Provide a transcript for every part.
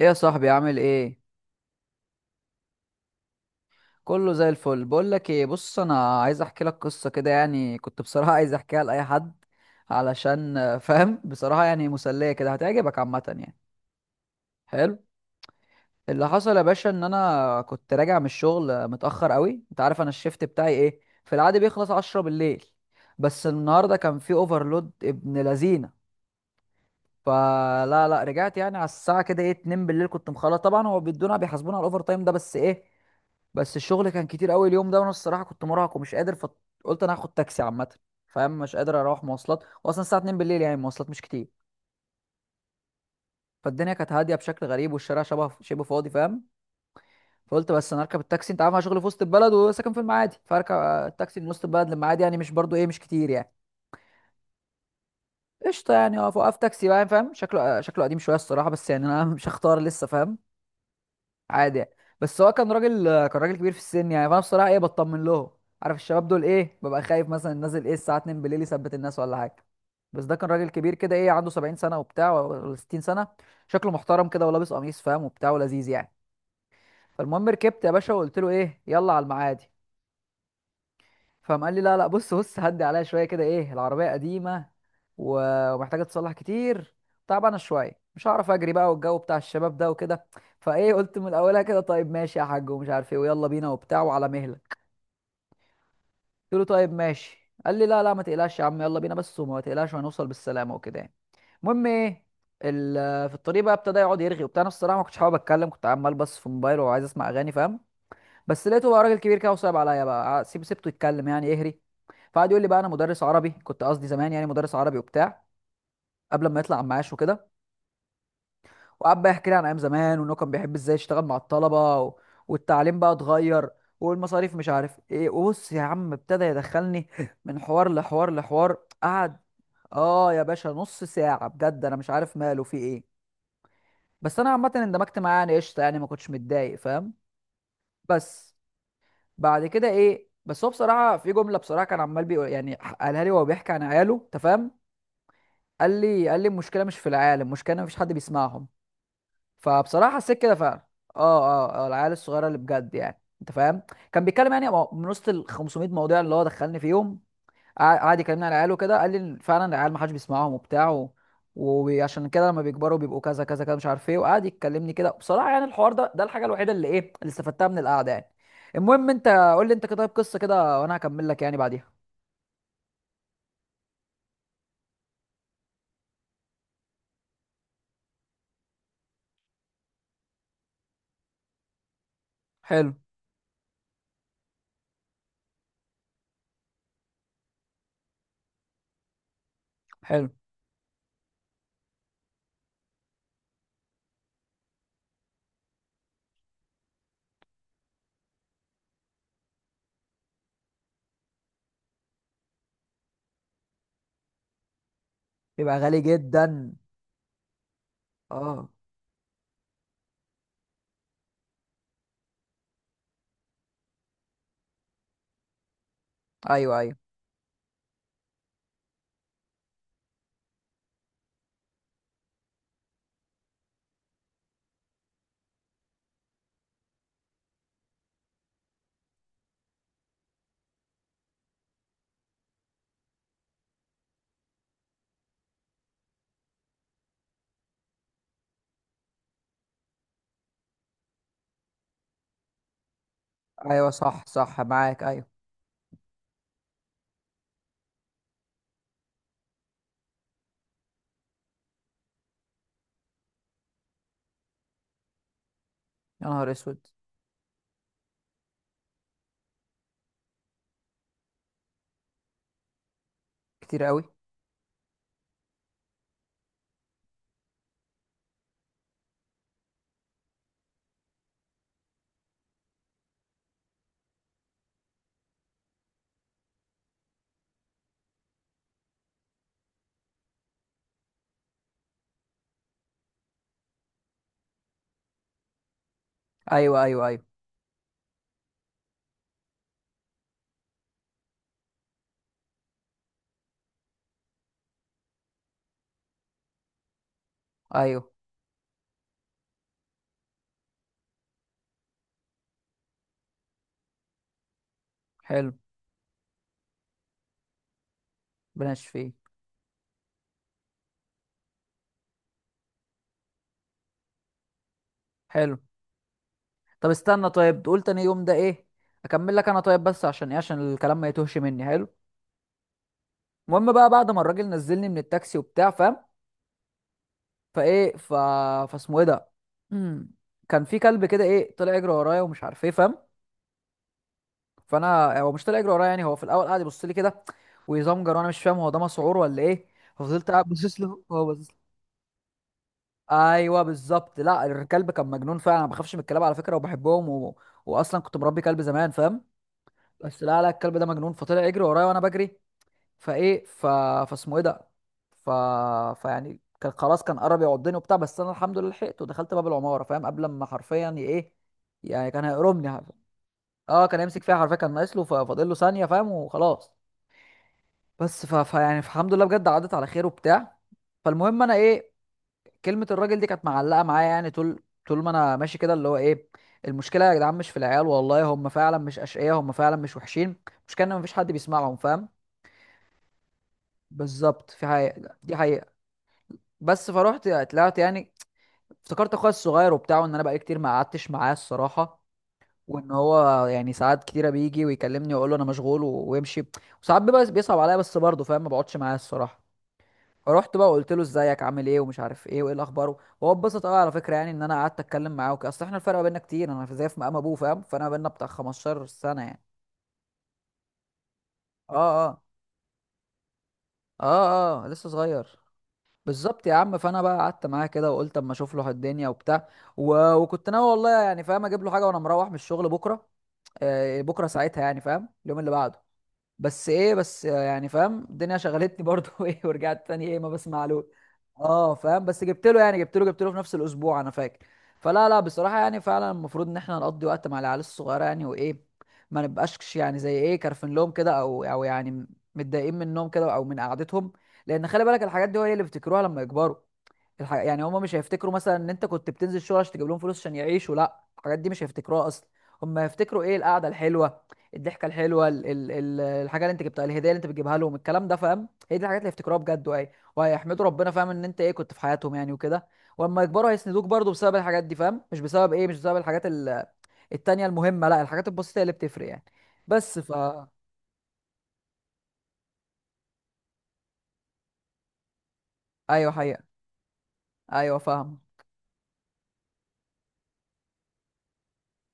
ايه يا صاحبي عامل ايه؟ كله زي الفل. بقول لك ايه، بص، انا عايز احكي لك قصه كده، يعني كنت بصراحه عايز احكيها لاي حد علشان فاهم، بصراحه يعني مسليه كده، هتعجبك عامه يعني. حلو. اللي حصل يا باشا ان انا كنت راجع من الشغل متاخر قوي، انت عارف انا الشيفت بتاعي ايه، في العاده بيخلص 10 بالليل، بس النهارده كان في اوفرلود ابن لذينه. فلا لا رجعت يعني على الساعه كده ايه 2 بالليل، كنت مخلص طبعا. هو بيدونا، بيحاسبونا على الاوفر تايم ده، بس ايه، بس الشغل كان كتير قوي اليوم ده، وانا الصراحه كنت مرهق ومش قادر، فقلت انا هاخد تاكسي عامه، فاهم؟ مش قادر اروح مواصلات، واصلا الساعه 2 بالليل يعني المواصلات مش كتير. فالدنيا كانت هاديه بشكل غريب، والشارع شبه فاضي، فاهم؟ فقلت بس انا اركب التاكسي، انت عارف انا شغلي في وسط البلد وساكن في المعادي، فاركب التاكسي من وسط البلد للمعادي، يعني مش برضو ايه، مش كتير يعني. قشطه، يعني اقف تاكسي بقى، فاهم، شكله شكله قديم شويه الصراحه، بس يعني انا مش هختار لسه، فاهم، عادي يعني. بس هو كان راجل، كبير في السن يعني، فانا بصراحه ايه بطمن لهم، عارف الشباب دول ايه، ببقى خايف مثلا نازل ايه الساعه 2 بالليل يثبت الناس ولا حاجه. بس ده كان راجل كبير كده ايه عنده 70 سنه وبتاع، ولا 60 سنه، شكله محترم كده، ولابس قميص فاهم وبتاع، ولذيذ يعني. فالمهم ركبت يا باشا، وقلت له ايه، يلا على المعادي. فقام قال لي لا لا، بص هدي عليها شويه كده، ايه العربيه قديمه ومحتاجه تصلح كتير، تعبانه شويه، مش هعرف اجري بقى، والجو بتاع الشباب ده وكده. فايه قلت من اولها كده، طيب ماشي يا حاج ومش عارف ايه، ويلا بينا وبتاع وعلى مهلك. قلت له طيب ماشي. قال لي لا لا، ما تقلقش يا عم، يلا بينا بس، وما تقلقش وهنوصل بالسلامه وكده يعني. المهم ايه، في الطريق بقى ابتدى يقعد يرغي وبتاع. انا الصراحه ما كنتش حابب اتكلم، كنت عمال بس في موبايل وعايز اسمع اغاني فاهم، بس لقيته بقى راجل كبير كده وصعب عليا بقى، سيبته يتكلم يعني يهري. فقعد يقول لي بقى انا مدرس عربي، كنت قصدي زمان يعني، مدرس عربي وبتاع، قبل ما يطلع على معاش وكده. وقعد بقى يحكي لي عن ايام زمان، وانه كان بيحب ازاي يشتغل مع الطلبه، و... والتعليم بقى اتغير، والمصاريف مش عارف ايه، وبص يا عم ابتدى يدخلني من حوار لحوار لحوار. قعد اه يا باشا نص ساعه بجد، انا مش عارف ماله في ايه. بس انا عامه اندمجت معاه يعني، قشطه يعني، ما كنتش متضايق فاهم. بس بعد كده ايه، بس هو بصراحه في جمله بصراحه كان عمال بيقول، يعني قالها لي وهو بيحكي عن عياله، انت فاهم؟ قال لي، المشكله مش في العيال، المشكله إن مفيش حد بيسمعهم. فبصراحه حسيت كده فعلا. اه. اه العيال الصغيره اللي بجد يعني، انت فاهم؟ كان بيتكلم يعني من وسط ال 500 موضوع اللي هو دخلني فيهم، قعد يكلمني على العيال وكده، قال لي إن فعلا العيال ما حدش بيسمعهم وبتاع وعشان كده لما بيكبروا بيبقوا كذا كذا كذا مش عارف ايه. وقعد يكلمني كده بصراحه، يعني الحوار ده الحاجه الوحيده اللي ايه اللي استفدتها من القعده يعني. المهم انت قول لي انت كده، طيب، قصه كده وانا هكمل لك يعني بعديها. حلو. حلو. بيبقى غالي جدا. اه. ايوه، ايوه. ايوه صح، صح، معاك، ايوه. يا نهار اسود. كتير قوي. ايوه، ايوه، ايوه، ايوه. حلو. بلاش فيه. حلو. طب استنى، طيب تقول تاني يوم ده ايه، اكمل لك انا طيب، بس عشان ايه، عشان الكلام ما يتوهش مني. حلو. المهم بقى بعد ما الراجل نزلني من التاكسي وبتاع، فاهم، فايه ف فاسمه ايه ده مم. كان في كلب كده ايه طلع يجري ورايا ومش عارف ايه، فاهم؟ فانا هو مش طلع يجري ورايا يعني، هو في الاول قعد يبص لي كده ويزمجر، وانا مش فاهم هو ده مسعور ولا ايه. ففضلت قاعد باصص له، هو باصص. ايوه بالظبط. لا الكلب كان مجنون فعلا، انا ما بخافش من الكلاب على فكره، وبحبهم و... واصلا كنت مربي كلب زمان فاهم. بس لا لا الكلب ده مجنون، فطلع يجري ورايا، وانا بجري. فايه ف... فاسمه ايه ده ف... فيعني كان خلاص، كان قرب يعضني وبتاع، بس انا الحمد لله لحقته ودخلت باب العماره فاهم، قبل ما حرفيا ي- ايه يعني كان هيقرمني حرفيا. اه كان يمسك فيها حرفيا، كان ناقص له، ففاضل له ثانيه فاهم، وخلاص. بس فيعني الحمد لله بجد عدت على خير وبتاع. فالمهم انا ايه، كلمة الراجل دي كانت معلقة معايا يعني، طول ما انا ماشي كده، اللي هو ايه، المشكلة يا جدعان مش في العيال، والله هم فعلا مش أشقياء، هم فعلا مش وحشين، المشكلة ان مفيش حد بيسمعهم فاهم. بالظبط، في حقيقة، دي حقيقة. بس فروحت طلعت يعني، افتكرت اخويا الصغير وبتاعه، ان انا بقالي كتير ما قعدتش معاه الصراحة. وان هو يعني ساعات كتيرة بيجي ويكلمني واقول له انا مشغول ويمشي، وساعات بيبقى بيصعب عليا، بس برضه فاهم ما بقعدش معاه الصراحة. رحت بقى وقلت له ازيك، عامل ايه، ومش عارف ايه، وايه الاخبار. وهو اتبسط قوي على فكره يعني، ان انا قعدت اتكلم معاه وكده، اصل احنا الفرق بيننا كتير، انا في زي في مقام ابوه فاهم، فانا بيننا بتاع 15 سنه يعني. اه. اه. اه لسه صغير. بالظبط يا عم. فانا بقى قعدت معاه كده، وقلت اما اشوف له الدنيا وبتاع، و... وكنت ناوي والله يعني فاهم اجيب له حاجه وانا مروح من الشغل بكره، آه بكره ساعتها يعني فاهم، اليوم اللي بعده. بس ايه، بس يعني فاهم الدنيا شغلتني برضو ايه، ورجعت تاني ايه ما بسمع له. اه فاهم، بس جبت له يعني، جبت له في نفس الاسبوع انا فاكر. فلا لا بصراحه يعني فعلا المفروض ان احنا نقضي وقت مع العيال الصغيره، يعني وايه، ما نبقاش يعني زي ايه كارفين لهم كده او يعني متضايقين منهم كده او من قعدتهم. لان خلي بالك الحاجات دي هو هي اللي بيفتكروها لما يكبروا. يعني هما مش هيفتكروا مثلا ان انت كنت بتنزل شغل عشان تجيب لهم فلوس عشان يعيشوا، لا الحاجات دي مش هيفتكروها اصلا. هما هيفتكروا ايه، القعده الحلوه، الضحكه الحلوه، الحاجه اللي انت جبتها، الهديه اللي انت بتجيبها لهم، الكلام ده فاهم، هي دي الحاجات اللي هيفتكروها بجد، وايه، وهيحمدوا ربنا فاهم ان انت ايه كنت في حياتهم يعني وكده. واما يكبروا هيسندوك برضو بسبب الحاجات دي، فاهم، مش بسبب ايه، مش بسبب الحاجات التانيه المهمه، لا الحاجات البسيطه هي اللي بتفرق يعني. بس ف، ايوه حقيقه. ايوه فاهم.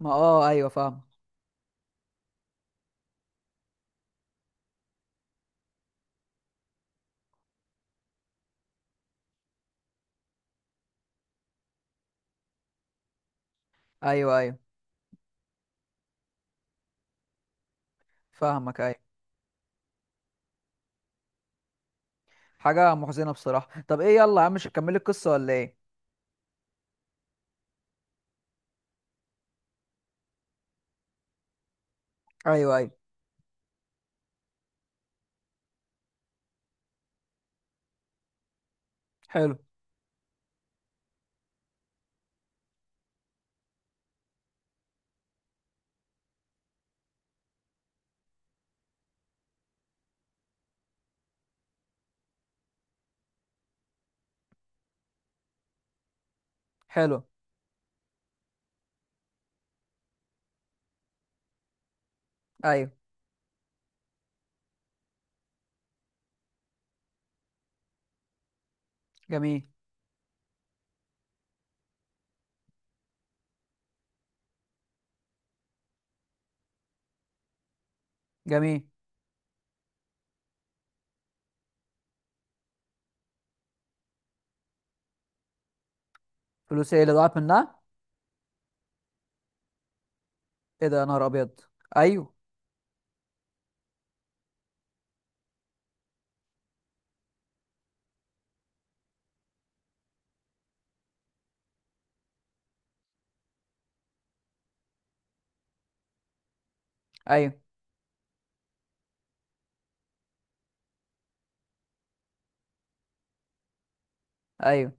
ما اه ايوه فاهم. ايوه، ايوه فاهمك، ايوه. حاجة محزنة بصراحة. طب ايه، يلا يا عم، مش هتكملي القصة ولا ايه؟ ايوه، ايوه. حلو. حلو. ايوه. جميل. جميل. فلوس ايه اللي ضاعت منها؟ ايه ده يا نهار ابيض. ايوه، ايوه، ايوه،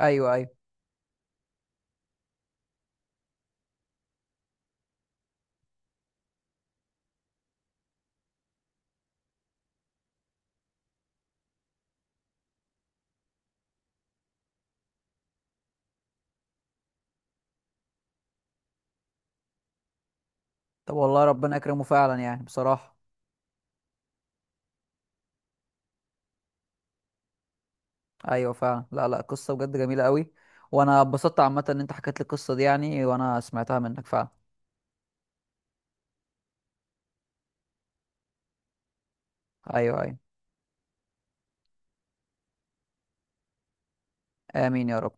ايوه، ايوه. طب والله ربنا يكرمه فعلا يعني بصراحه. ايوه فعلا، لا لا قصه بجد جميله قوي. وانا اتبسطت عامه ان انت حكيت لي القصه دي يعني، وانا سمعتها منك فعلا. ايوه، ايوه. امين يا رب.